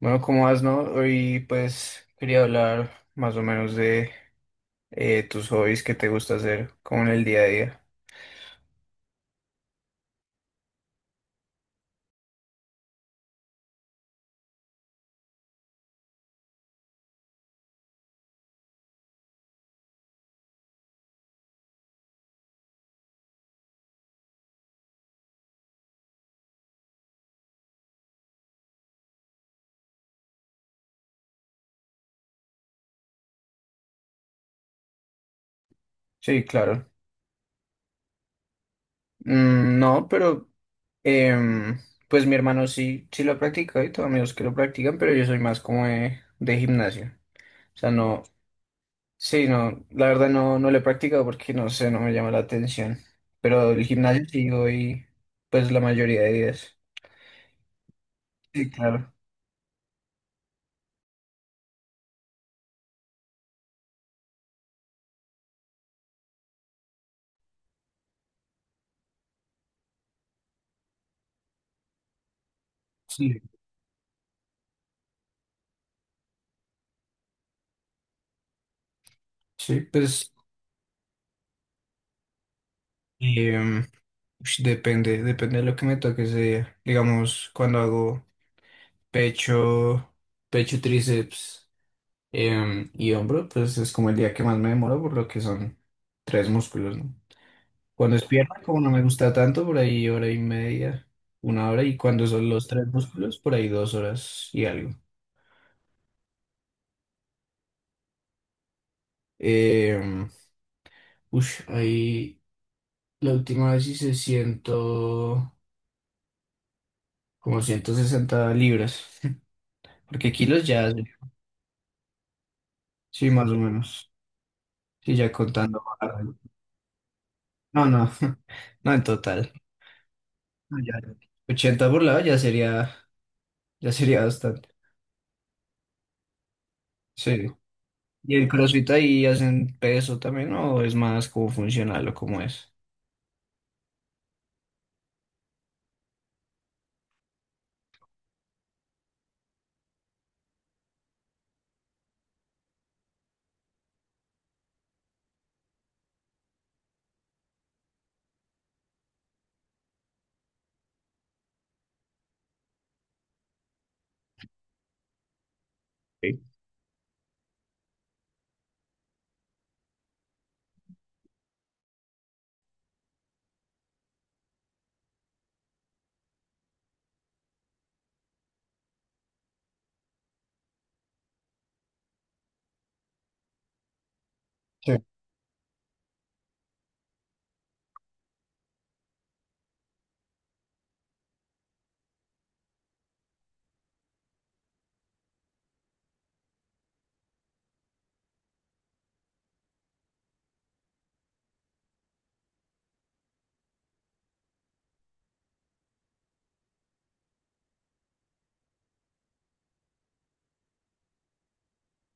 Bueno, ¿cómo vas? No? Hoy pues quería hablar más o menos de tus hobbies que te gusta hacer como en el día a día. Sí, claro. Mm, no, pero em, pues mi hermano sí, sí lo practica y tengo amigos que lo practican, pero yo soy más como de gimnasio. O sea, no, sí, no, la verdad no, no lo he practicado porque no sé, no me llama la atención. Pero el gimnasio sí voy pues la mayoría de días. Sí, claro. Sí, sí, pues... em, ush, depende, depende de lo que me toque ese día. Digamos, cuando hago pecho, pecho, tríceps y hombro, pues es como el día que más me demoro por lo que son tres músculos, ¿no? Cuando es pierna, como no me gusta tanto, por ahí hora y media, una hora, y cuando son los tres músculos, por ahí dos horas y algo. Em, ahí la última vez hice ciento, como 160 libras, porque kilos ya, sí, más o menos. Sí, ya contando. No, no, no en total. No, ya 80 por ya sería bastante. Sí. ¿Y el CrossFit ahí hacen peso también, no? ¿O es más como funcional o cómo es? Sí. Sí.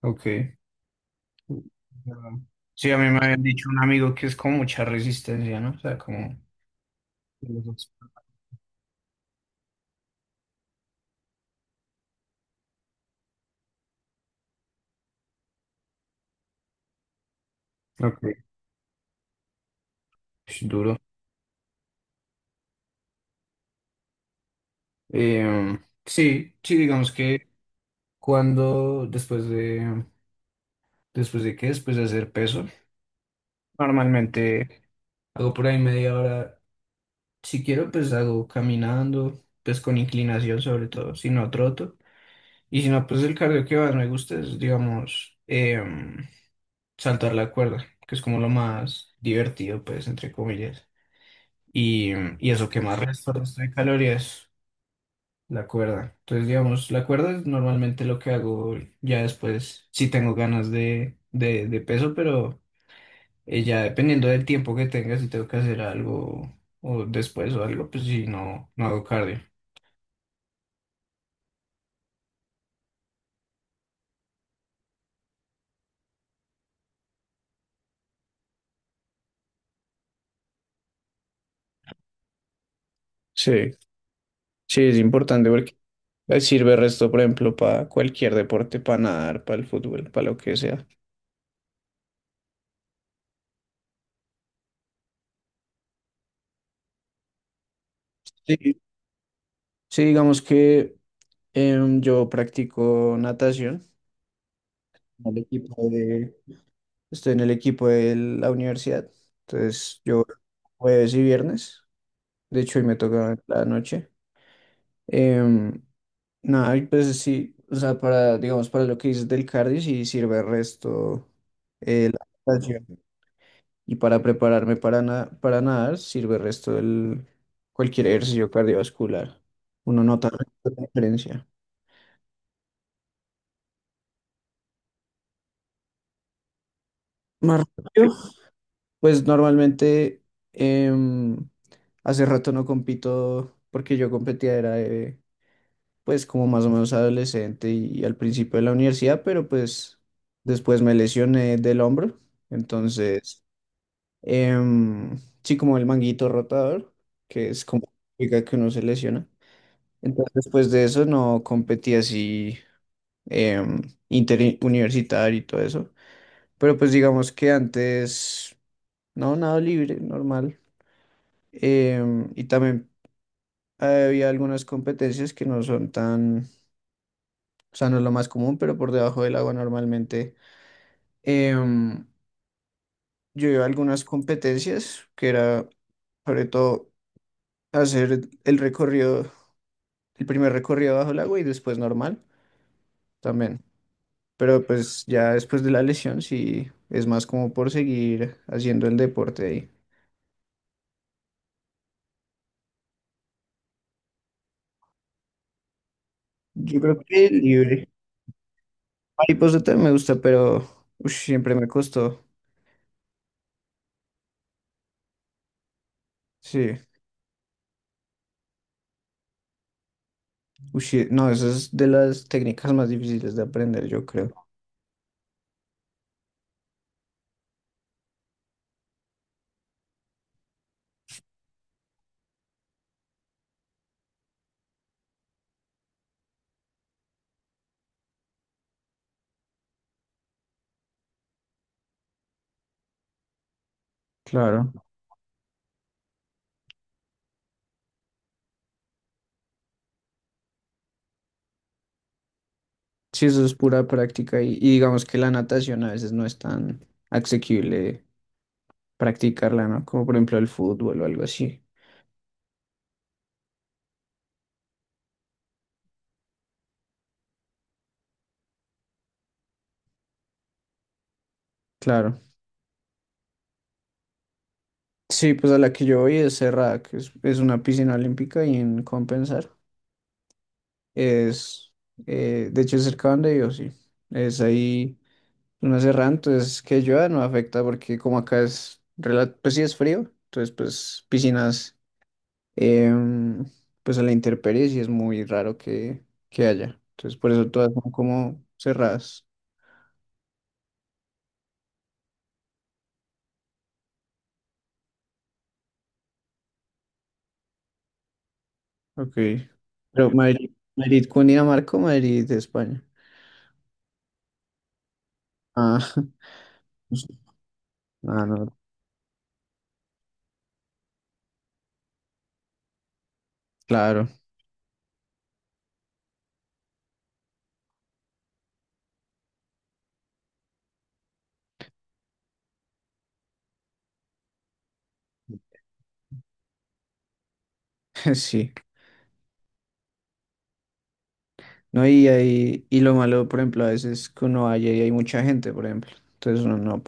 Ok. Ah, sí, a mí me habían dicho un amigo que es con mucha resistencia, ¿no? O sea, como... Ok. Es duro. Eh, sí, sí, digamos que cuando, después de, después de qué, después de hacer peso, normalmente... Hago por ahí media hora. Si quiero, pues hago caminando, pues con inclinación sobre todo, si no troto. Y si no, pues el cardio que más me gusta es, digamos, saltar la cuerda, que es como lo más divertido, pues, entre comillas. Y, y eso que más resto de calorías, la cuerda. Entonces, digamos, la cuerda es normalmente lo que hago ya después, si tengo ganas de peso, pero... ya dependiendo del tiempo que tenga, si tengo que hacer algo o después o algo, pues si no, no hago cardio. Sí, sí, es importante porque sirve el resto, por ejemplo, para cualquier deporte, para nadar, para el fútbol, para lo que sea. Sí, sí, digamos que yo practico natación. En el equipo de- Estoy en el equipo de la universidad. Entonces, yo jueves y viernes. De hecho, hoy me toca la noche. em, No, y pues sí, o sea, para, digamos, para lo que dices del cardio, sí sirve el resto la natación. Y para prepararme para nadar, sirve el resto el, cualquier ejercicio cardiovascular. Uno nota la diferencia. Más rápido, pues normalmente em, hace rato no compito porque yo competía, era pues como más o menos adolescente y al principio de la universidad, pero pues después me lesioné del hombro, entonces em, sí, como el manguito rotador, que es como la liga que uno se lesiona. Entonces, después de eso no competí así em, interuniversitario y todo eso. Pero pues digamos que antes, no, nada libre, normal. Em, y también había algunas competencias que no son tan, o sea, no es lo más común, pero por debajo del agua normalmente. em, yo iba a algunas competencias que era sobre todo hacer el recorrido el primer recorrido bajo el agua y después normal también. Pero pues ya después de la lesión sí es más como por seguir haciendo el deporte ahí. Yo creo que libre. Mariposa también me gusta, pero ush, siempre me costó. Sí. Ush, no, eso es de las técnicas más difíciles de aprender, yo creo. Claro. Sí, eso es pura práctica y digamos que la natación a veces no es tan asequible practicarla, ¿no? Como por ejemplo el fútbol o algo así. Claro. Sí, pues a la que yo voy es cerrada, que es una piscina olímpica y en Compensar. Es, de hecho, es cerca donde yo, sí. Es ahí una Serra, entonces que llueva no afecta porque como acá es, rela- pues sí es frío, entonces pues em, pues a la intemperie sí es muy raro que haya. Entonces por eso todas son como cerradas. Ok. Pero Madrid, Madrid, Cundinamarca, o Madrid, España. Ah, ah, no, claro, sí. No, y, ahí- y lo malo, por ejemplo, a veces que uno vaya y hay mucha gente, por ejemplo. Entonces uno no,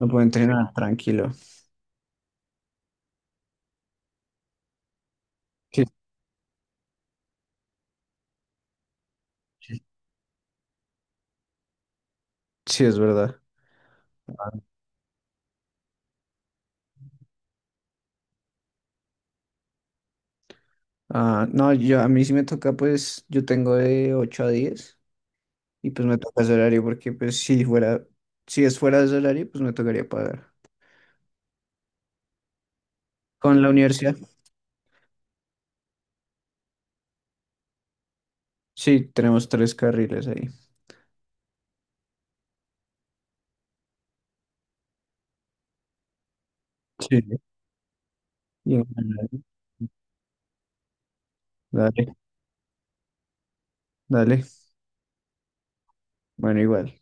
no puede entrenar tranquilo. Sí, sí. Sí, es verdad. Ah, no, yo a mí sí me toca, pues, yo tengo de 8 a 10 y pues me toca ese horario porque si es fuera de ese horario, pues me tocaría pagar. Con la universidad, sí, tenemos tres carriles ahí. Sí. Y en- dale, dale. Bueno, igual.